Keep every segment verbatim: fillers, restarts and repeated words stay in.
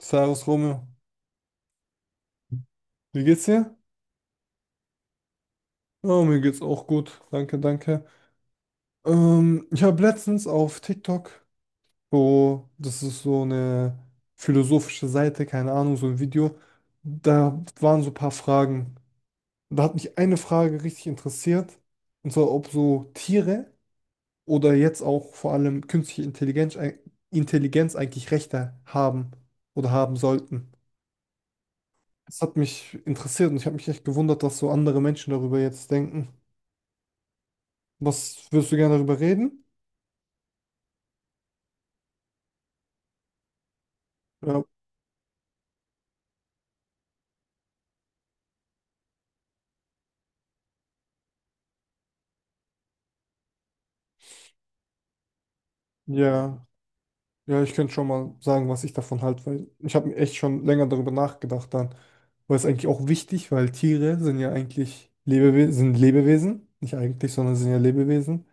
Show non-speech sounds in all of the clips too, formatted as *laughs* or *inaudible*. Servus Romeo, wie geht's dir? Ja, mir geht's auch gut, danke, danke. Ähm, ich habe letztens auf TikTok, so, das ist so eine philosophische Seite, keine Ahnung, so ein Video, da waren so ein paar Fragen. Da hat mich eine Frage richtig interessiert, und zwar ob so Tiere oder jetzt auch vor allem künstliche Intelligenz, Intelligenz eigentlich Rechte haben oder haben sollten. Das hat mich interessiert und ich habe mich echt gewundert, dass so andere Menschen darüber jetzt denken. Was würdest du gerne darüber reden? Ja, ja, ja, ich könnte schon mal sagen, was ich davon halte, weil ich habe mir echt schon länger darüber nachgedacht dann. Weil es eigentlich auch wichtig, weil Tiere sind ja eigentlich Lebewesen, sind Lebewesen, nicht eigentlich, sondern sind ja Lebewesen.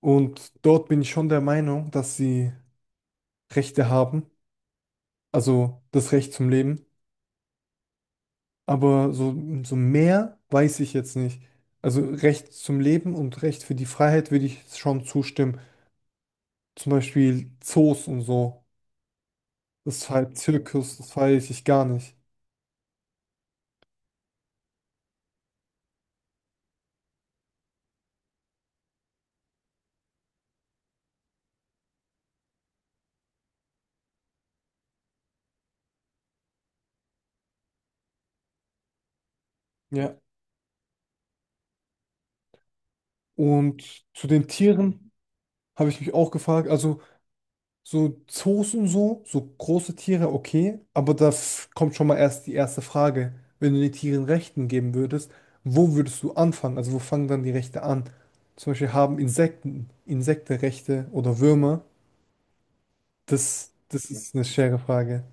Und dort bin ich schon der Meinung, dass sie Rechte haben, also das Recht zum Leben. Aber so, so mehr weiß ich jetzt nicht. Also Recht zum Leben und Recht für die Freiheit würde ich schon zustimmen. Zum Beispiel Zoos und so. Das ist halt Zirkus, das feiere ich gar nicht. Ja. Und zu den Tieren habe ich mich auch gefragt, also so Zoos und so, so große Tiere, okay, aber da f- kommt schon mal erst die erste Frage. Wenn du den Tieren Rechten geben würdest, wo würdest du anfangen? Also wo fangen dann die Rechte an? Zum Beispiel haben Insekten, Insektenrechte oder Würmer? Das, das ist eine schwere Frage.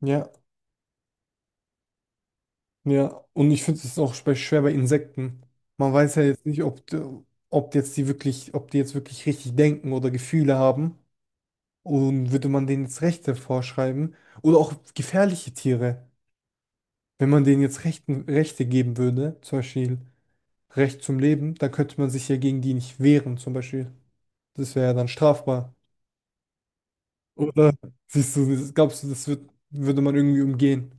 Ja. Ja, und ich finde es auch spe- schwer bei Insekten. Man weiß ja jetzt nicht, ob, d- ob jetzt die wirklich, ob die jetzt wirklich richtig denken oder Gefühle haben. Und würde man denen jetzt Rechte vorschreiben? Oder auch gefährliche Tiere. Wenn man denen jetzt Rechten, Rechte geben würde, zum Beispiel Recht zum Leben, dann könnte man sich ja gegen die nicht wehren, zum Beispiel. Das wäre ja dann strafbar. Oder siehst du, das- glaubst du, das wird, würde man irgendwie umgehen?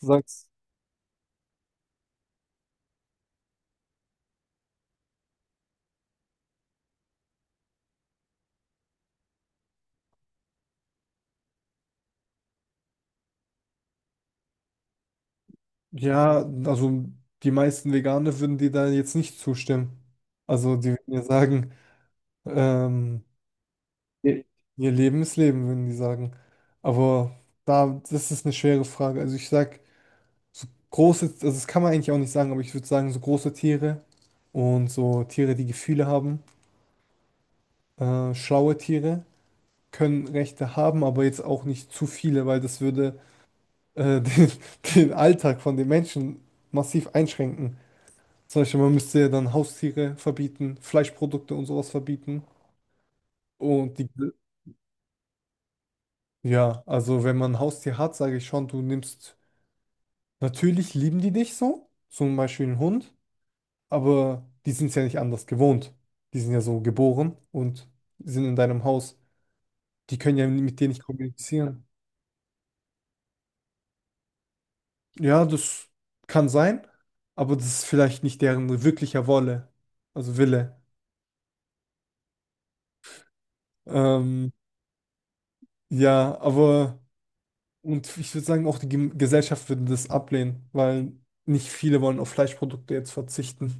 Du sagst. Ja, also die meisten Veganer würden dir da jetzt nicht zustimmen. Also die würden ja sagen, ähm, ihr ihr Leben ist Leben, würden die sagen. Aber da, das ist eine schwere Frage. Also ich sag, so große, also das kann man eigentlich auch nicht sagen, aber ich würde sagen, so große Tiere und so Tiere, die Gefühle haben, äh, schlaue Tiere können Rechte haben, aber jetzt auch nicht zu viele, weil das würde äh, *laughs* den, den Alltag von den Menschen massiv einschränken. Zum Beispiel, man müsste ja dann Haustiere verbieten, Fleischprodukte und sowas verbieten. Und die, ja, also wenn man ein Haustier hat, sage ich schon, du nimmst, natürlich lieben die dich so, zum Beispiel einen Hund, aber die sind es ja nicht anders gewohnt. Die sind ja so geboren und sind in deinem Haus. Die können ja mit dir nicht kommunizieren. Ja, das kann sein, aber das ist vielleicht nicht deren wirklicher Wolle, also Wille. Ähm, ja, aber. Und ich würde sagen, auch die Gem- Gesellschaft würde das ablehnen, weil nicht viele wollen auf Fleischprodukte jetzt verzichten.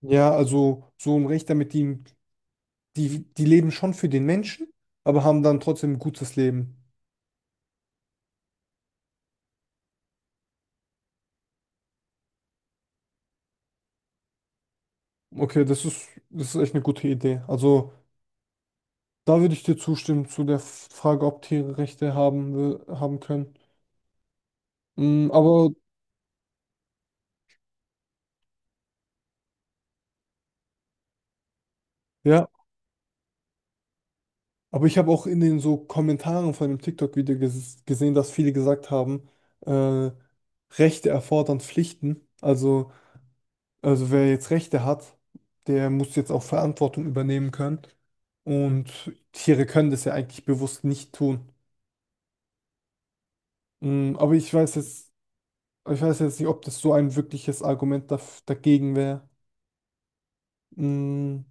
Ja, also so ein Rechter mit ihnen, die, die leben schon für den Menschen, aber haben dann trotzdem ein gutes Leben. Okay, das ist, das ist echt eine gute Idee. Also da würde ich dir zustimmen zu der Frage, ob Tiere Rechte haben, wir- haben können. Mm, aber ja. Aber ich habe auch in den so Kommentaren von dem TikTok-Video ges gesehen, dass viele gesagt haben, äh, Rechte erfordern Pflichten. Also, also wer jetzt Rechte hat, der muss jetzt auch Verantwortung übernehmen können. Und Tiere können das ja eigentlich bewusst nicht tun. Mm, aber ich weiß jetzt, ich weiß jetzt nicht, ob das so ein wirkliches Argument daf dagegen wäre. Mm,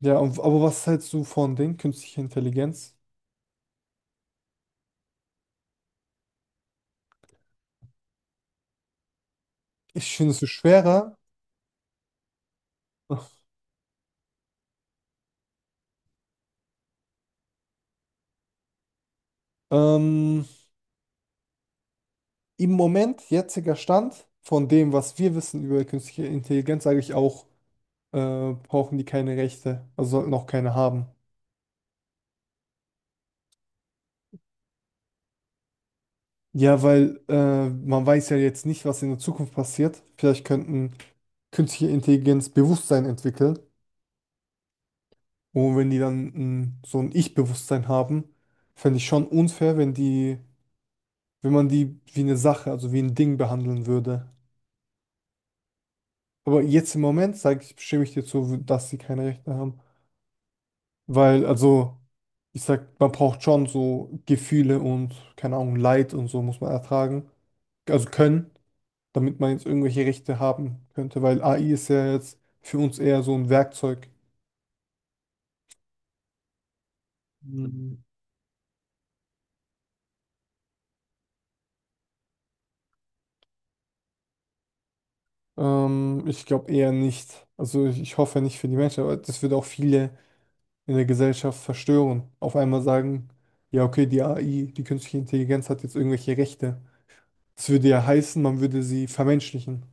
ja, und, aber was hältst du von den künstlicher Intelligenz? Ich finde es so schwerer. Ähm, Im Moment, jetziger Stand, von dem, was wir wissen über künstliche Intelligenz, sage ich auch, äh, brauchen die keine Rechte, also sollten auch keine haben. Ja, weil äh, man weiß ja jetzt nicht, was in der Zukunft passiert. Vielleicht könnten künstliche Intelligenz Bewusstsein entwickeln. Und wenn die dann ein, so ein Ich-Bewusstsein haben, fände ich schon unfair, wenn die, wenn man die wie eine Sache, also wie ein Ding behandeln würde. Aber jetzt im Moment, sage ich, stimme ich dir zu, dass sie keine Rechte haben. Weil, also, ich sag, man braucht schon so Gefühle und, keine Ahnung, Leid und so muss man ertragen. Also können, damit man jetzt irgendwelche Rechte haben könnte, weil A I ist ja jetzt für uns eher so ein Werkzeug. Mhm. Ähm, ich glaube eher nicht. Also ich, ich hoffe nicht für die Menschen, aber das würde auch viele in der Gesellschaft verstören. Auf einmal sagen, ja, okay, die A I, die künstliche Intelligenz hat jetzt irgendwelche Rechte. Das würde ja heißen, man würde sie vermenschlichen.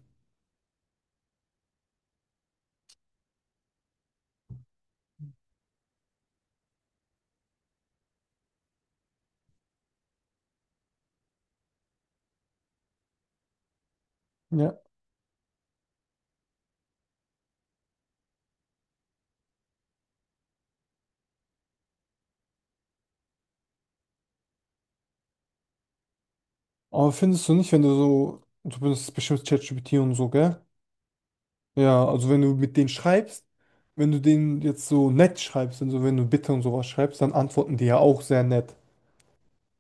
Ja. Aber findest du nicht, wenn du so, du benutzt bestimmt ChatGPT und so, gell? Ja, also wenn du mit denen schreibst, wenn du denen jetzt so nett schreibst und so, wenn du Bitte und sowas schreibst, dann antworten die ja auch sehr nett.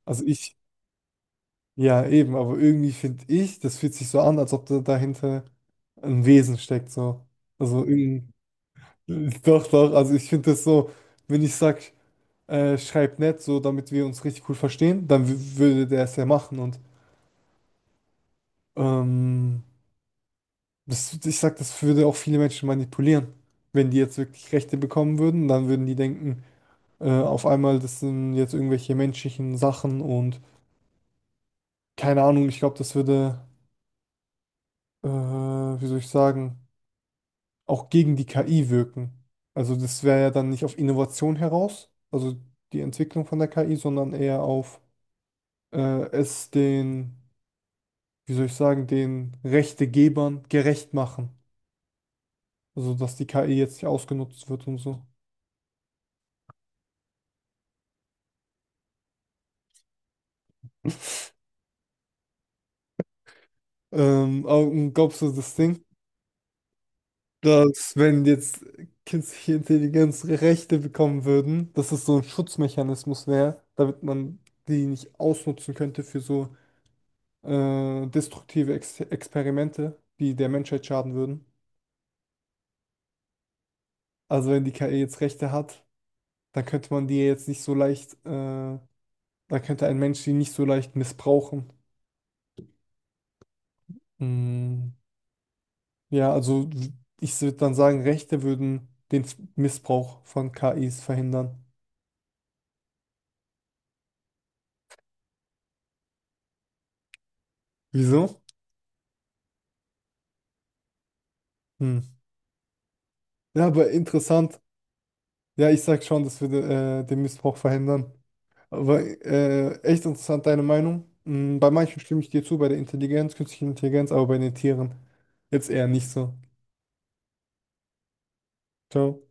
Also ich, ja eben, aber irgendwie finde ich, das fühlt sich so an, als ob da dahinter ein Wesen steckt, so. Also irgendwie, *laughs* doch, doch, also ich finde das so, wenn ich sag, äh, schreib nett, so damit wir uns richtig cool verstehen, dann w- würde der es ja machen und, ähm, Das, ich sag, das würde auch viele Menschen manipulieren. Wenn die jetzt wirklich Rechte bekommen würden, dann würden die denken, äh, auf einmal, das sind jetzt irgendwelche menschlichen Sachen und keine Ahnung, ich glaube, das würde, äh, wie soll ich sagen, auch gegen die K I wirken. Also das wäre ja dann nicht auf Innovation heraus, also die Entwicklung von der K I, sondern eher auf äh, es den, wie soll ich sagen, den Rechtegebern gerecht machen. Also dass die K I jetzt nicht ausgenutzt wird und so. *laughs* Ähm, Augen, glaubst du das Ding, dass wenn jetzt künstliche Intelligenz Rechte bekommen würden, dass es so ein Schutzmechanismus wäre, damit man die nicht ausnutzen könnte für so äh, destruktive Ex Experimente, die der Menschheit schaden würden? Also wenn die K I jetzt Rechte hat, dann könnte man die ja jetzt nicht so leicht, äh, dann könnte ein Mensch die nicht so leicht missbrauchen. Mm, ja, also ich würde dann sagen, Rechte würden den Missbrauch von K Is verhindern. Wieso? Hm. Ja, aber interessant. Ja, ich sag schon, dass wir de, äh, den Missbrauch verhindern. Aber äh, echt interessant, deine Meinung. Hm, bei manchen stimme ich dir zu, bei der Intelligenz, künstlichen Intelligenz, aber bei den Tieren jetzt eher nicht so. Ciao.